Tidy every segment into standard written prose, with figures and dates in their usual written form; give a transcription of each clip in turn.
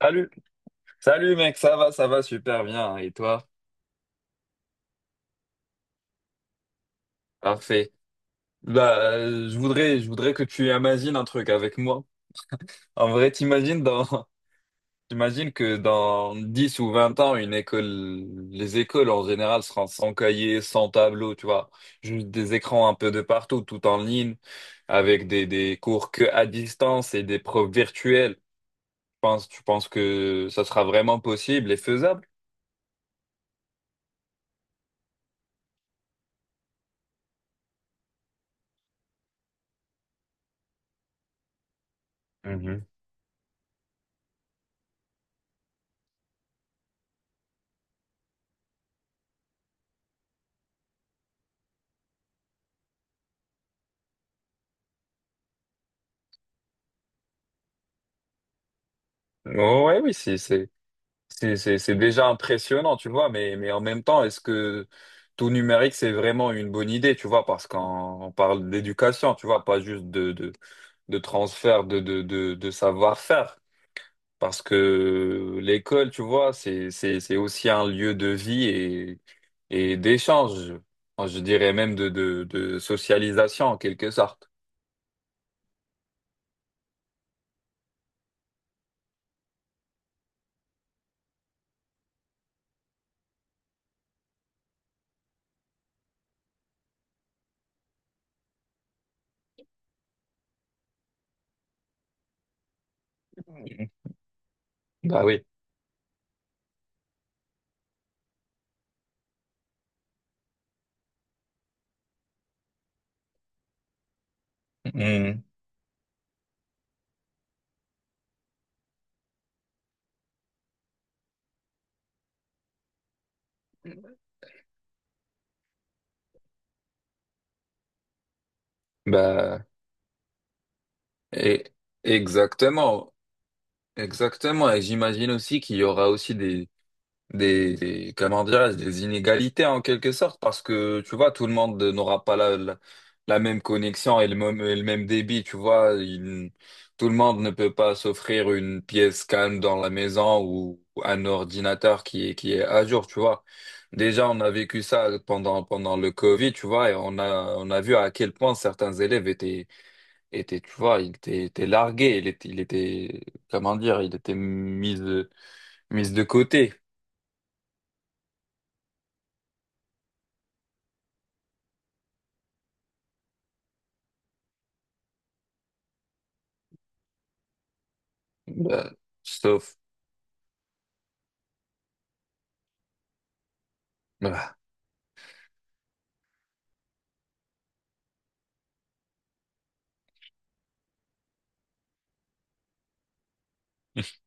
Salut, salut mec, ça va super bien. Hein. Et toi? Parfait. Bah, je voudrais que tu imagines un truc avec moi. En vrai, t'imagines que dans 10 ou 20 ans, les écoles en général seront sans cahier, sans tableau, tu vois. Juste des écrans un peu de partout, tout en ligne, avec des cours que à distance et des profs virtuels. Tu penses que ça sera vraiment possible et faisable? Mhm. Ouais, oui, c'est déjà impressionnant, tu vois, mais en même temps, est-ce que tout numérique, c'est vraiment une bonne idée, tu vois, parce qu'on parle d'éducation, tu vois, pas juste de, de transfert de savoir-faire. Parce que l'école, tu vois, c'est aussi un lieu de vie et d'échange, enfin, je dirais même de, de socialisation en quelque sorte. Mhm. Bah oui. Mhm. Bah, et, exactement. Exactement, et j'imagine aussi qu'il y aura aussi des, comment dirais-je, des inégalités en quelque sorte, parce que tu vois, tout le monde n'aura pas la, la même connexion et le même débit, tu vois. Tout le monde ne peut pas s'offrir une pièce calme dans la maison ou un ordinateur qui est à jour, tu vois. Déjà, on a vécu ça pendant le Covid, tu vois, et on a vu à quel point certains élèves tu vois, il était largué, comment dire, il était mis de côté. Bah, sauf, bah,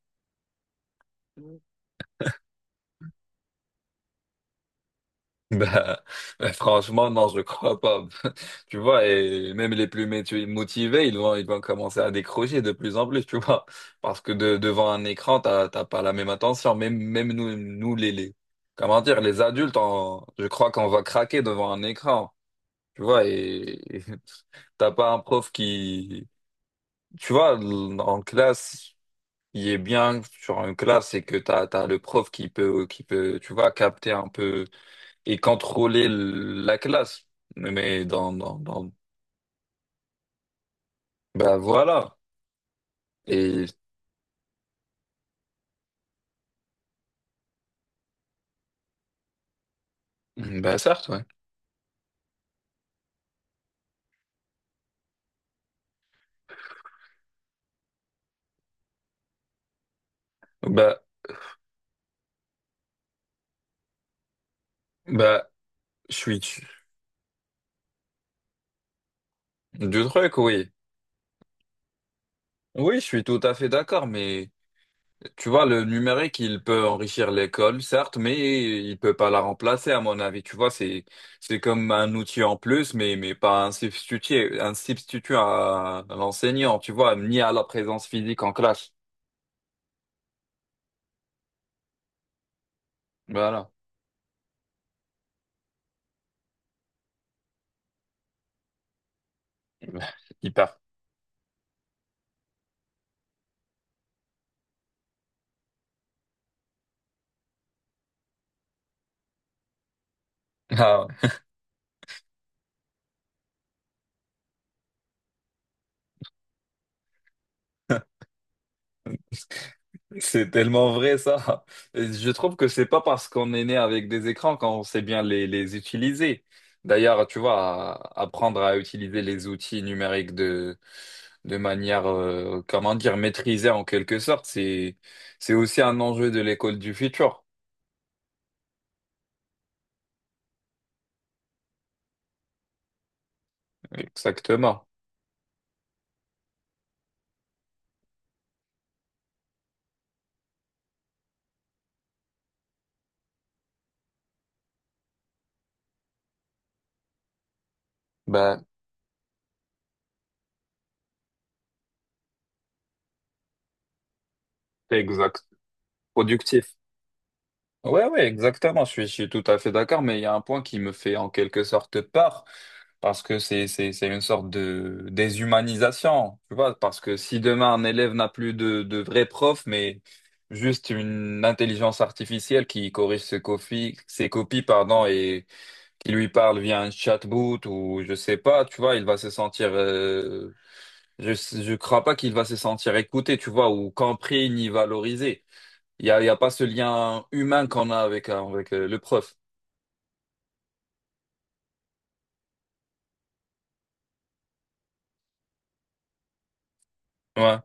bah, franchement, non, je crois pas. Tu vois, même les plus métu- motivés, ils vont commencer à décrocher de plus en plus, tu vois. Parce que de- devant un écran, t'as, t'as pas la même attention. Même, même nous, nous, les, comment dire, les adultes, on- je crois qu'on va craquer devant un écran. Tu vois, et et t'as pas un prof qui, tu vois, l- en classe, il est bien sur une classe, c'est que t'as le prof qui peut, tu vois, capter un peu et contrôler la classe. Mais dans, dans, dans, bah voilà. Et, Bah certes, ouais. Bah, bah, je suis, deux trucs, oui. Oui, je suis tout à fait d'accord, mais. Tu vois, le numérique, il peut enrichir l'école, certes, mais il peut pas la remplacer, à mon avis. Tu vois, c'est comme un outil en plus, mais pas un substitut, un substitut à l'enseignant, tu vois, ni à la présence physique en classe. Voilà. Hyper. Ah. C'est tellement vrai ça. Je trouve que c'est pas parce qu'on est né avec des écrans qu'on sait bien les utiliser. D'ailleurs, tu vois, apprendre à utiliser les outils numériques de manière, comment dire, maîtrisée en quelque sorte, c'est aussi un enjeu de l'école du futur. Exactement. Ben, exact. Productif. Ouais, ouais, exactement. Je suis tout à fait d'accord, mais il y a un point qui me fait en quelque sorte peur, parce que c'est une sorte de déshumanisation, tu vois, parce que si demain un élève n'a plus de vrai prof, mais juste une intelligence artificielle qui corrige ses copies, pardon, et qui lui parle via un chatbot ou je sais pas, tu vois, il va se sentir, je crois pas qu'il va se sentir écouté, tu vois, ou compris ni valorisé. Il y a pas ce lien humain qu'on a avec le prof. Ouais.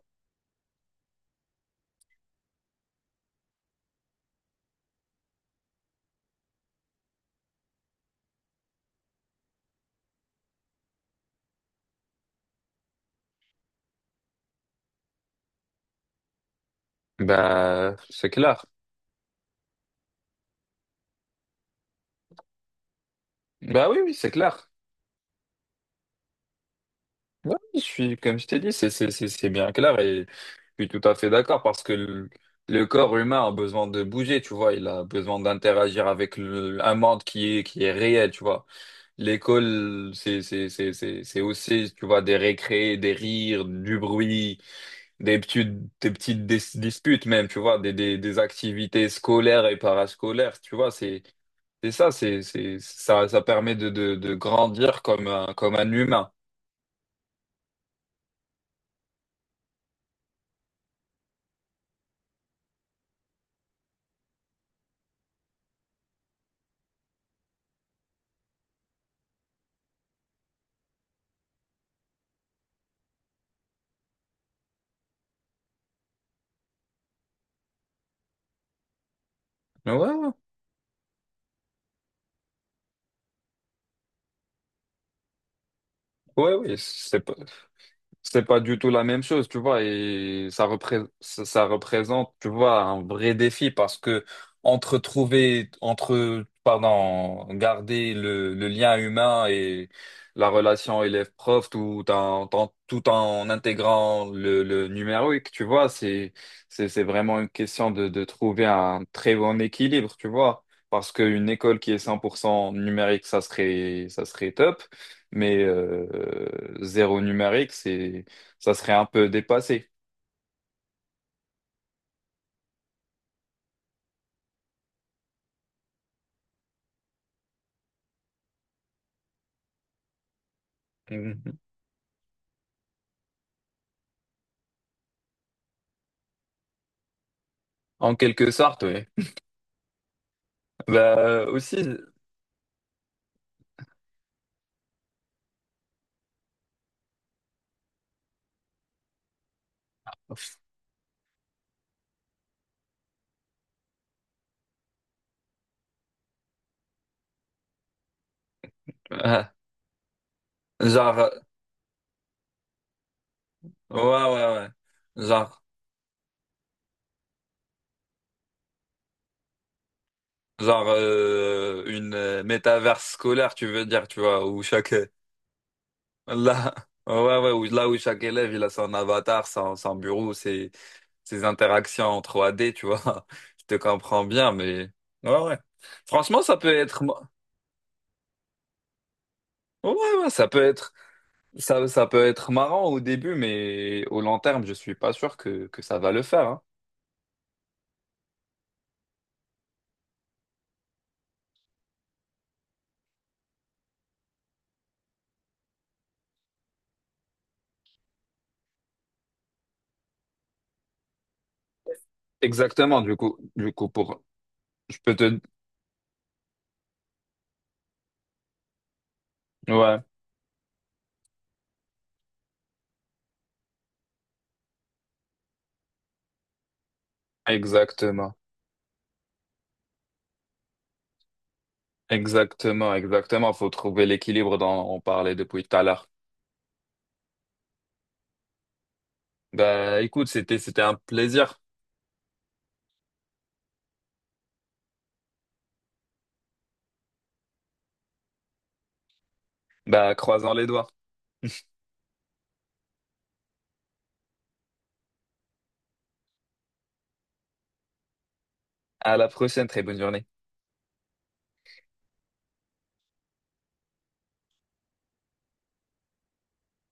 Bah, c'est clair. Bah oui, oui, c'est clair. Ouais, comme je t'ai dit, c'est bien clair et je suis tout à fait d'accord parce que le corps humain a besoin de bouger, tu vois. Il a besoin d'interagir avec un monde qui est réel, tu vois. L'école, c'est aussi, tu vois, des récrés, des rires, du bruit. des petites, des petites disputes même, tu vois, des activités scolaires et parascolaires, tu vois, ça permet de, de grandir comme un humain. Ouais, ouais, ouais, oui, c'est pas du tout la même chose, tu vois, et ça représente, tu vois, un vrai défi parce que entre, pardon, garder le lien humain et la relation élève-prof tout en intégrant le numérique, tu vois, c'est vraiment une question de trouver un très bon équilibre, tu vois, parce qu'une école qui est 100% numérique, ça serait top, mais zéro numérique, ça serait un peu dépassé. Mhm. En quelque sorte, oui. Bah, aussi, euh, genre, ouais, ouais, ouais. Genre, genre, une métaverse scolaire, tu veux dire, tu vois, là, ouais, ouais, là où chaque élève il a son avatar, son bureau, ses interactions en 3D, tu vois. Je te comprends bien, mais ouais, ouais. Franchement, ça peut être, mo- ouais, ouais, ça peut être. Ça peut être marrant au début, mais au long terme, je suis pas sûr que ça va le faire. Hein. Exactement, du coup, pour, je peux te, ouais, exactement, exactement, exactement. Faut trouver l'équilibre dont on parlait depuis tout à l'heure. Bah, écoute, c'était un plaisir. Bah, croisons les doigts. À la prochaine, très bonne journée.